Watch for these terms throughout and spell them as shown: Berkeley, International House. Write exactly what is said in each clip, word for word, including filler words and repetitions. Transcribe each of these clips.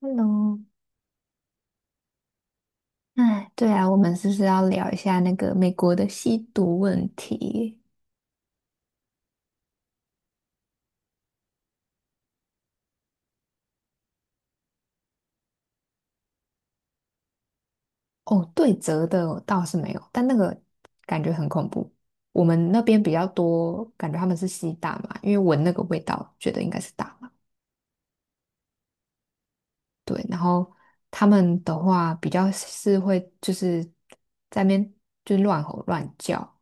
Hello,哎，对啊，我们是不是要聊一下那个美国的吸毒问题？哦，对折的哦倒是没有，但那个感觉很恐怖。我们那边比较多，感觉他们是吸大麻，因为闻那个味道，觉得应该是大麻。对，然后他们的话比较是会就是在那边就乱吼乱叫，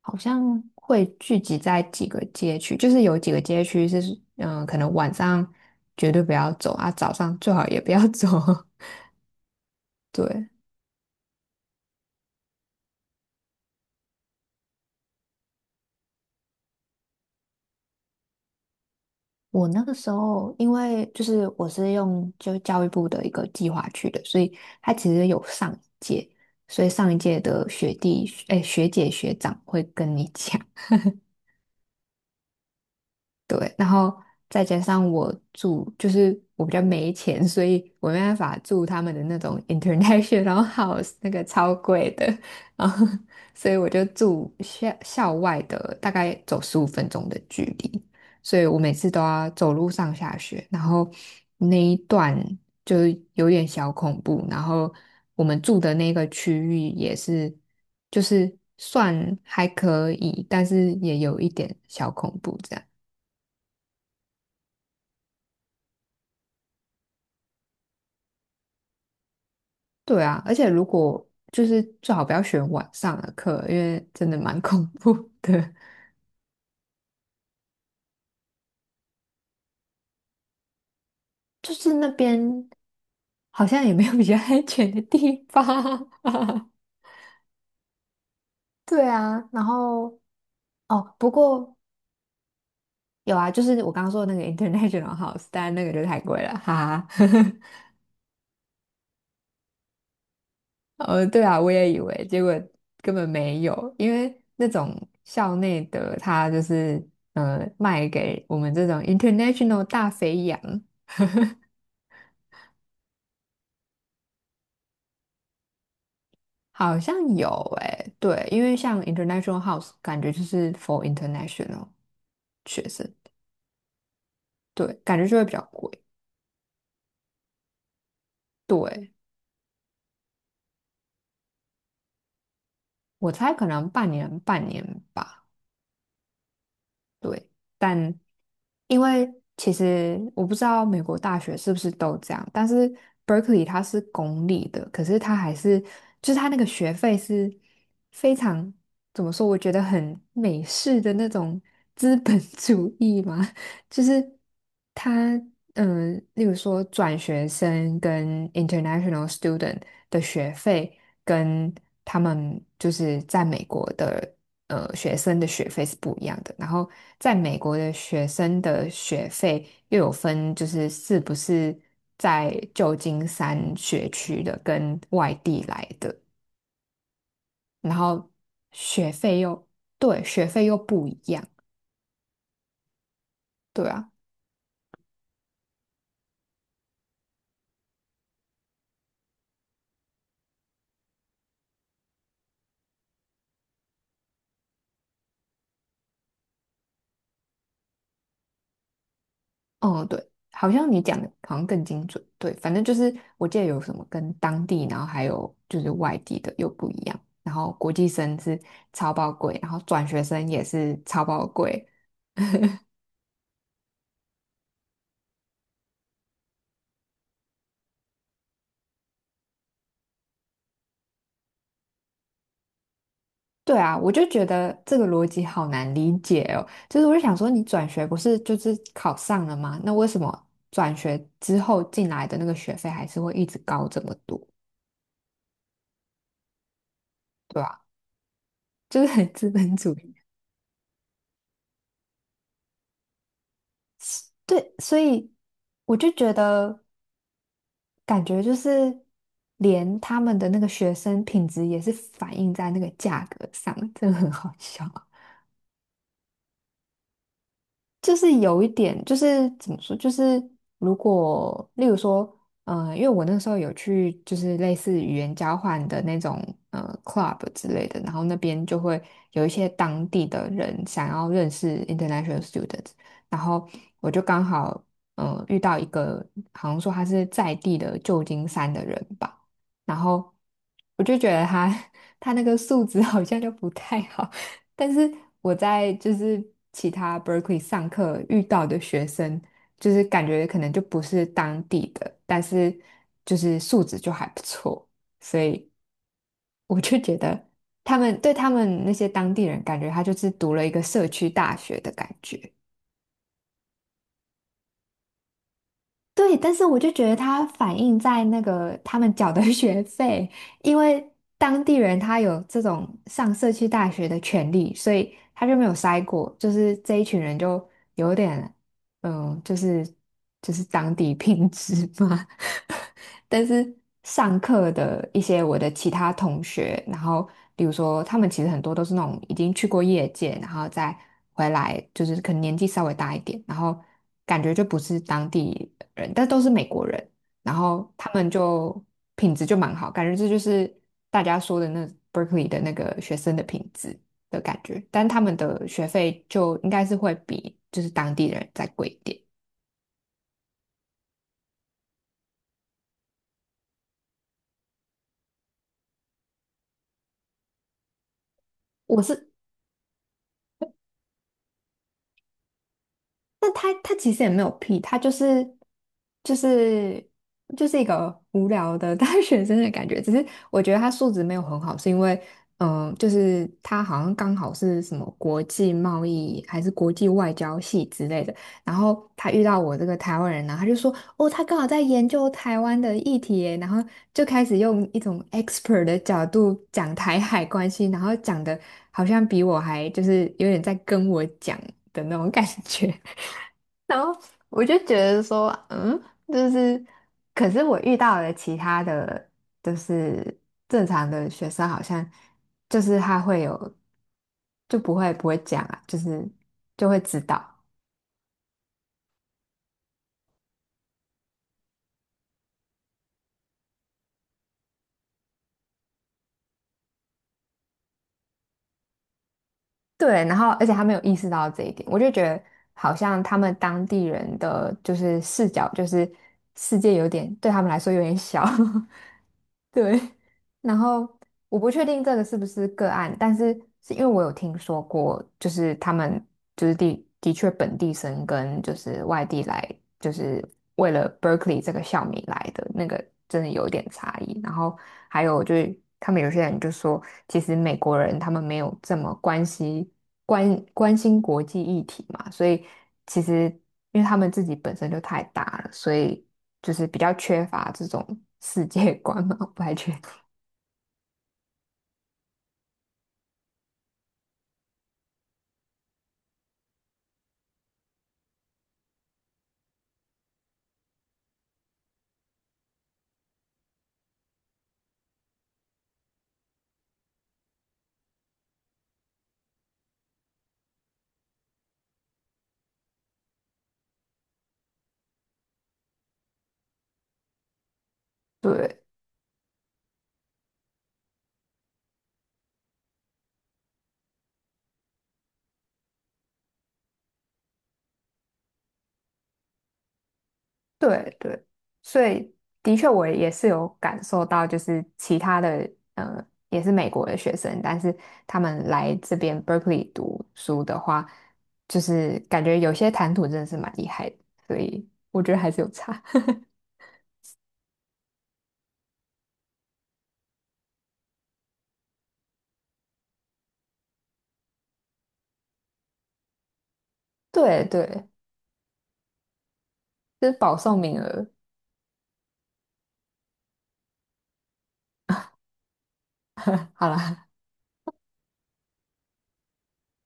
好像会聚集在几个街区，就是有几个街区是，嗯、可能晚上绝对不要走啊，早上最好也不要走。对，我那个时候，因为就是我是用就教育部的一个计划去的，所以它其实有上一届，所以上一届的学弟、哎学姐、学长会跟你讲，对，然后再加上我住，就是我比较没钱，所以我没办法住他们的那种 international house，那个超贵的，然后所以我就住校校外的，大概走十五分钟的距离，所以我每次都要走路上下学，然后那一段就是有点小恐怖，然后我们住的那个区域也是，就是算还可以，但是也有一点小恐怖这样。对啊，而且如果就是最好不要选晚上的课，因为真的蛮 恐怖的。就是那边好像也没有比较安全的地方。对啊，然后哦，不过有啊，就是我刚刚说的那个 International House，但那个就太贵了，哈哈。呃，对啊，我也以为，结果根本没有，因为那种校内的它就是呃卖给我们这种 International 大肥羊。好像有诶、对，因为像 International House 感觉就是 for international 学生，对，感觉就会比较贵。对，我猜可能半年半年吧。对，但因为其实我不知道美国大学是不是都这样，但是 Berkeley 它是公立的，可是它还是就是它那个学费是非常怎么说？我觉得很美式的那种资本 主义嘛，就是它嗯，呃例如说转学生跟 international student 的学费跟他们就是在美国的。呃学生的学费是不一样的。然后在美国的学生的学费又有分，就是是不是在旧金山学区的跟外地来的，然后学费又对，学费又不一样。对啊，哦对，好像你讲的好像更精准。对，反正就是我记得有什么跟当地，然后还有就是外地的又不一样。然后国际生是超爆贵，然后转学生也是超爆贵，对啊，我就觉得这个逻辑好难理解哦。就是我就想说，你转学不是就是考上了吗？那为什么转学之后进来的那个学费还是会一直高这么多？对吧？就是很资本主义。对，所以我就觉得感觉就是连他们的那个学生品质也是反映在那个价格上，真的很好笑。就是有一点，就是怎么说，就是如果例如说，呃，因为我那时候有去就是类似语言交换的那种呃 club 之类的，然后那边就会有一些当地的人想要认识 international students，然后我就刚好嗯，遇到一个好像说他是在地的旧金山的人吧，然后我就觉得他 他那个素质好像就不太好。但是我在就是其他 Berkeley 上课遇到的学生，就是感觉可能就不是当地的，但是就是素质就还不错，所以我就觉得他们对他们那些当地人，感觉他就是读了一个社区大学的感觉。对，但是我就觉得他反映在那个他们缴的 学费，因为当地人他有这种上社区大学的权利，所以他就没有筛过，就是这一群人就有点嗯，就是就是当地品质嘛。但是上课的一些我的其他同学，然后比如说他们其实很多都是那种已经去过业界，然后再回来，就是可能年纪稍微大一点，然后感觉就不是当地人，但都是美国人，然后他们就品质就蛮好，感觉这就是大家说的那 Berkeley 的那个学生的品质。的感觉，但他们的学费就应该是会比就是当地人再贵一点。我是但他他其实也没有屁，他就是就是就是一个无聊的 大学生的感觉。只是我觉得他素质没有很好，是因为嗯、呃就是他好像刚好是什么国际贸易还是国际外交系之类的。然后他遇到我这个台湾人呢，他就说哦，他刚好在研究台湾的议题耶然后就开始用一种 expert 的角度讲台海关系，然后讲的好像比我还就是有点在跟我讲的那种感觉。然后我就觉得说，嗯，就是，可是我遇到了其他的，就是正常的学生，好像就是他会有，就不会不会讲啊，就是就会知道，对，然后而且他没有意识到这一点，我就觉得好像他们当地人的就是视角，就是世界有点对他们来说有点小，对。然后我不确定这个是不是个案，但是是因为我有听说过，就是他们就是的的确本地生跟就是外地来，就是为了 Berkeley 这个校名来的那个真的有一点差异。然后还有就是他们有些人就说，其实美国人他们没有这么关心关关心国际议题嘛，所以其实因为他们自己本身就太大了，所以就是比较缺乏这种世界观嘛，我不太确对对对，所以的确我也是有感受到，就是其他的呃也是美国的学生，但是他们来这边 Berkeley 读书的话，就是感觉有些谈吐真的是蛮厉害的，所以我觉得还是有差。对对，就是保送名额。好啦，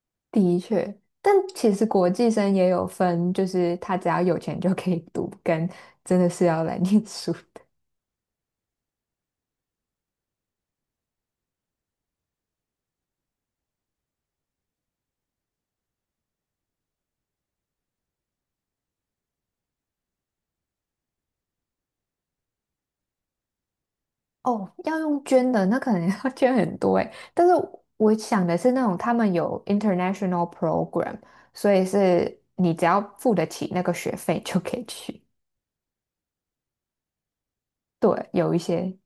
的确，但其实国际生也有分，就是他只要有钱就可以读，跟真的是要来念书。哦，要用捐的，那可能 要捐很多诶。但是我想的是那种他们有 international program，所以是你只要付得起那个学费就可以去。对，有一些，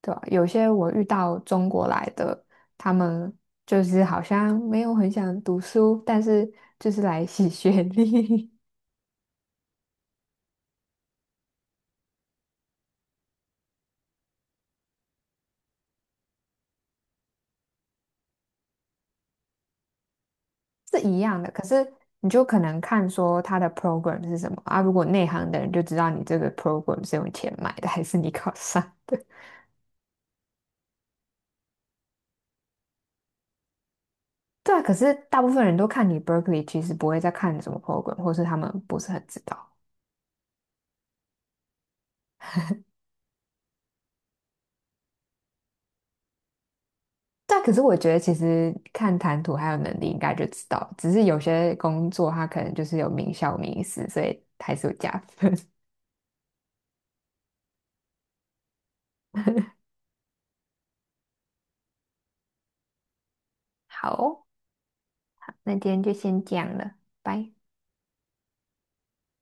对吧？有些我遇到中国来的，他们就是好像没有很想读书，但是就是来洗学历 是一样的。可是你就可能看说他的 program 是什么啊？如果内行的人就知道你这个 program 是用钱买的，还是你考上。的。对啊，可是大部分人都看你 Berkeley，其实不会再看什么 program，或是他们不是很知道。但可是我觉得，其实看谈吐还有能力，应该就知道。只是有些工作它可能就是有名校名师，所以还是有加分。好，那今天就先这样了，拜。